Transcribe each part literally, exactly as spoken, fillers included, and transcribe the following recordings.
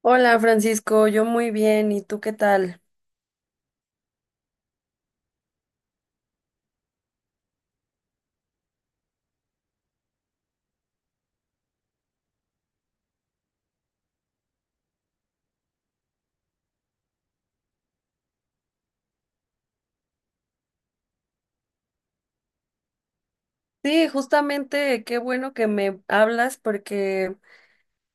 Hola Francisco, yo muy bien, ¿y tú qué tal? Sí, justamente qué bueno que me hablas porque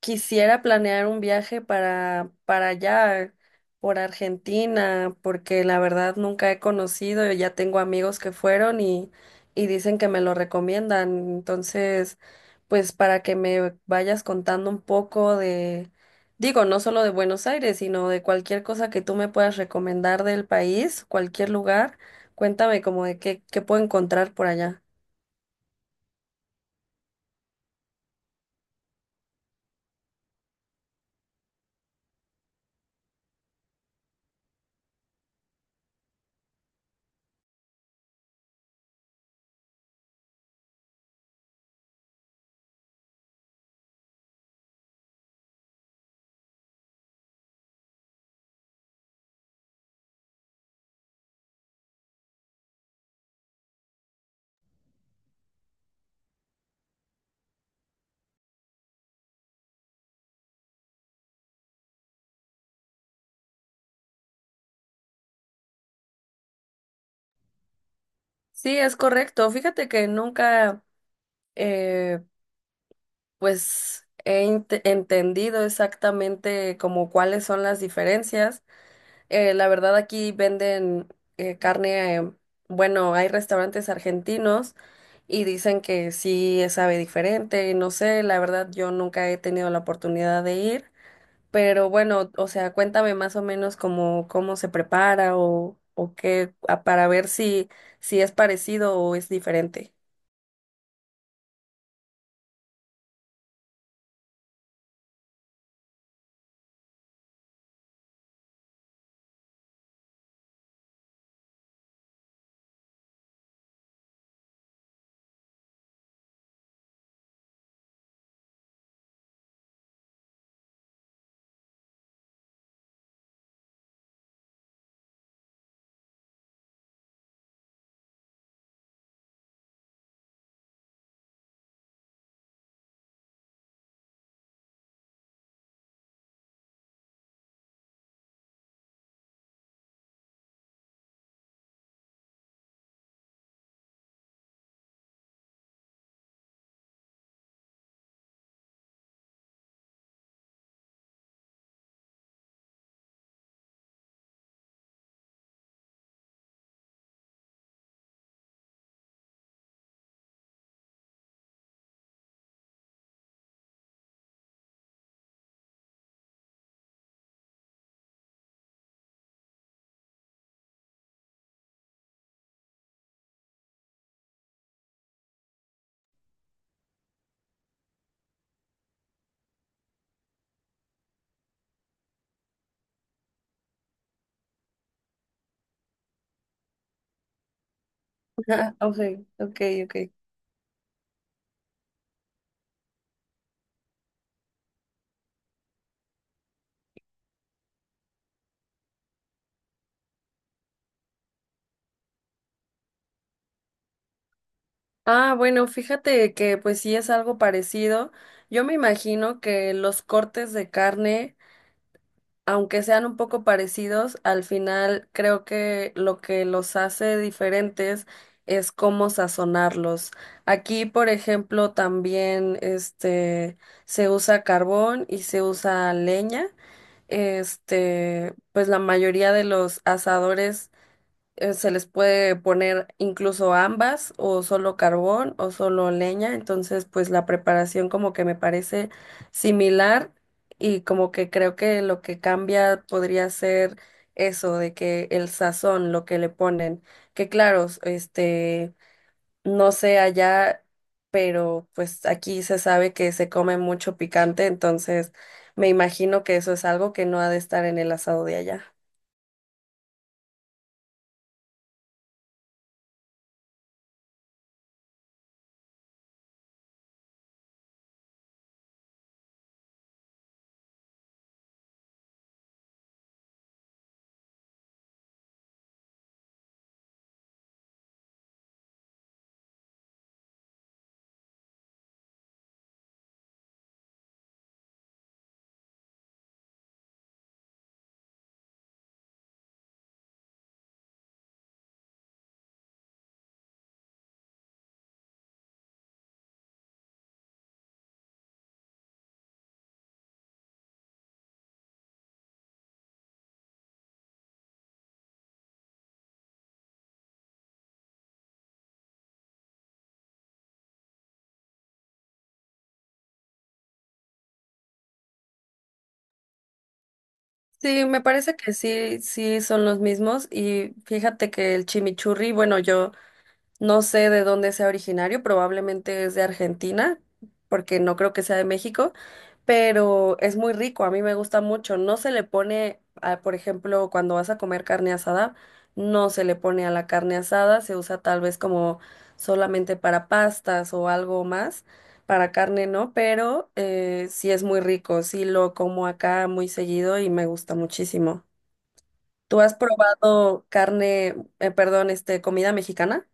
quisiera planear un viaje para, para allá, por Argentina, porque la verdad nunca he conocido, y ya tengo amigos que fueron y, y dicen que me lo recomiendan. Entonces, pues para que me vayas contando un poco de, digo, no solo de Buenos Aires, sino de cualquier cosa que tú me puedas recomendar del país, cualquier lugar, cuéntame como de qué, qué puedo encontrar por allá. Sí, es correcto. Fíjate que nunca... eh, pues he ent- entendido exactamente como cuáles son las diferencias. Eh, la verdad aquí venden eh, carne, eh, bueno, hay restaurantes argentinos y dicen que sí sabe diferente, no sé, la verdad yo nunca he tenido la oportunidad de ir, pero bueno, o sea, cuéntame más o menos cómo, cómo se prepara o, o qué, a- para ver si, si es parecido o es diferente. Ah, ok, ok, ok. Ah, bueno, fíjate que pues sí es algo parecido. Yo me imagino que los cortes de carne, aunque sean un poco parecidos, al final creo que lo que los hace diferentes es cómo sazonarlos. Aquí, por ejemplo, también este se usa carbón y se usa leña. Este, pues la mayoría de los asadores eh, se les puede poner incluso ambas o solo carbón o solo leña, entonces pues la preparación como que me parece similar y como que creo que lo que cambia podría ser eso de que el sazón, lo que le ponen, que claro, este, no sé allá, pero pues aquí se sabe que se come mucho picante, entonces me imagino que eso es algo que no ha de estar en el asado de allá. Sí, me parece que sí, sí son los mismos. Y fíjate que el chimichurri, bueno, yo no sé de dónde sea originario, probablemente es de Argentina, porque no creo que sea de México, pero es muy rico, a mí me gusta mucho. No se le pone, ah, por ejemplo, cuando vas a comer carne asada, no se le pone a la carne asada, se usa tal vez como solamente para pastas o algo más, para carne no, pero eh, sí es muy rico, sí lo como acá muy seguido y me gusta muchísimo. ¿Tú has probado carne, eh, perdón, este, comida mexicana?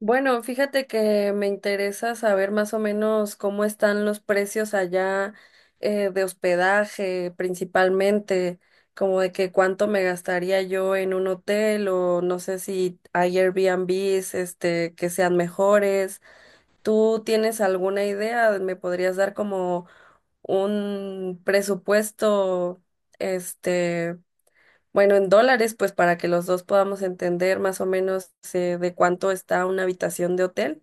Bueno, fíjate que me interesa saber más o menos cómo están los precios allá eh, de hospedaje, principalmente, como de que cuánto me gastaría yo en un hotel o no sé si hay Airbnbs, este, que sean mejores. ¿Tú tienes alguna idea? ¿Me podrías dar como un presupuesto, este, bueno, en dólares, pues para que los dos podamos entender más o menos eh, de cuánto está una habitación de hotel?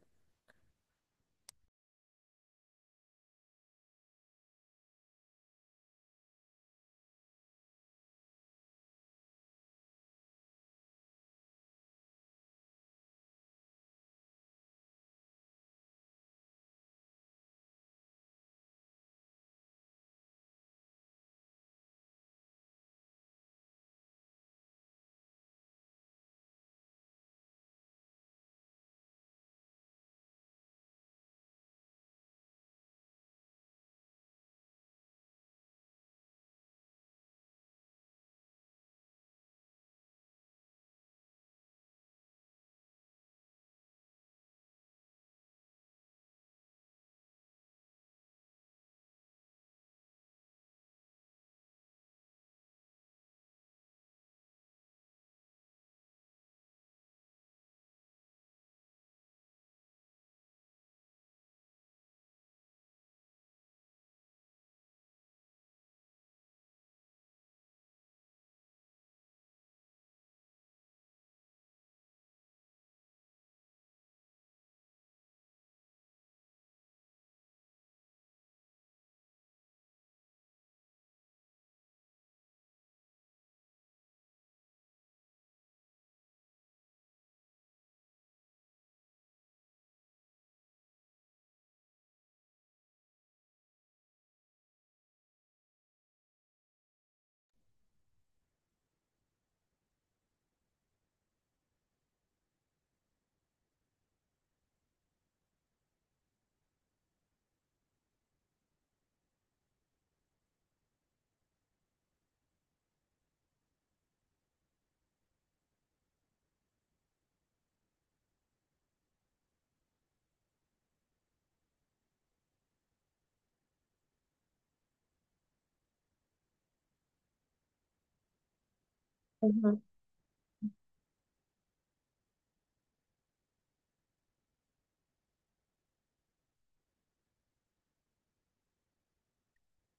Ujú.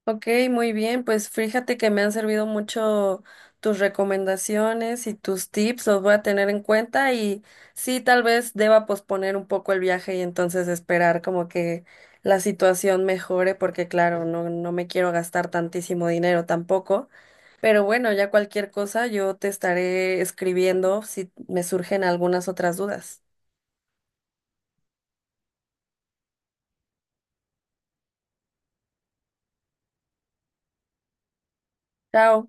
Ok, muy bien, pues fíjate que me han servido mucho tus recomendaciones y tus tips, los voy a tener en cuenta y sí, tal vez deba posponer un poco el viaje y entonces esperar como que la situación mejore, porque claro, no, no me quiero gastar tantísimo dinero tampoco, pero bueno, ya cualquier cosa yo te estaré escribiendo si me surgen algunas otras dudas. Chao.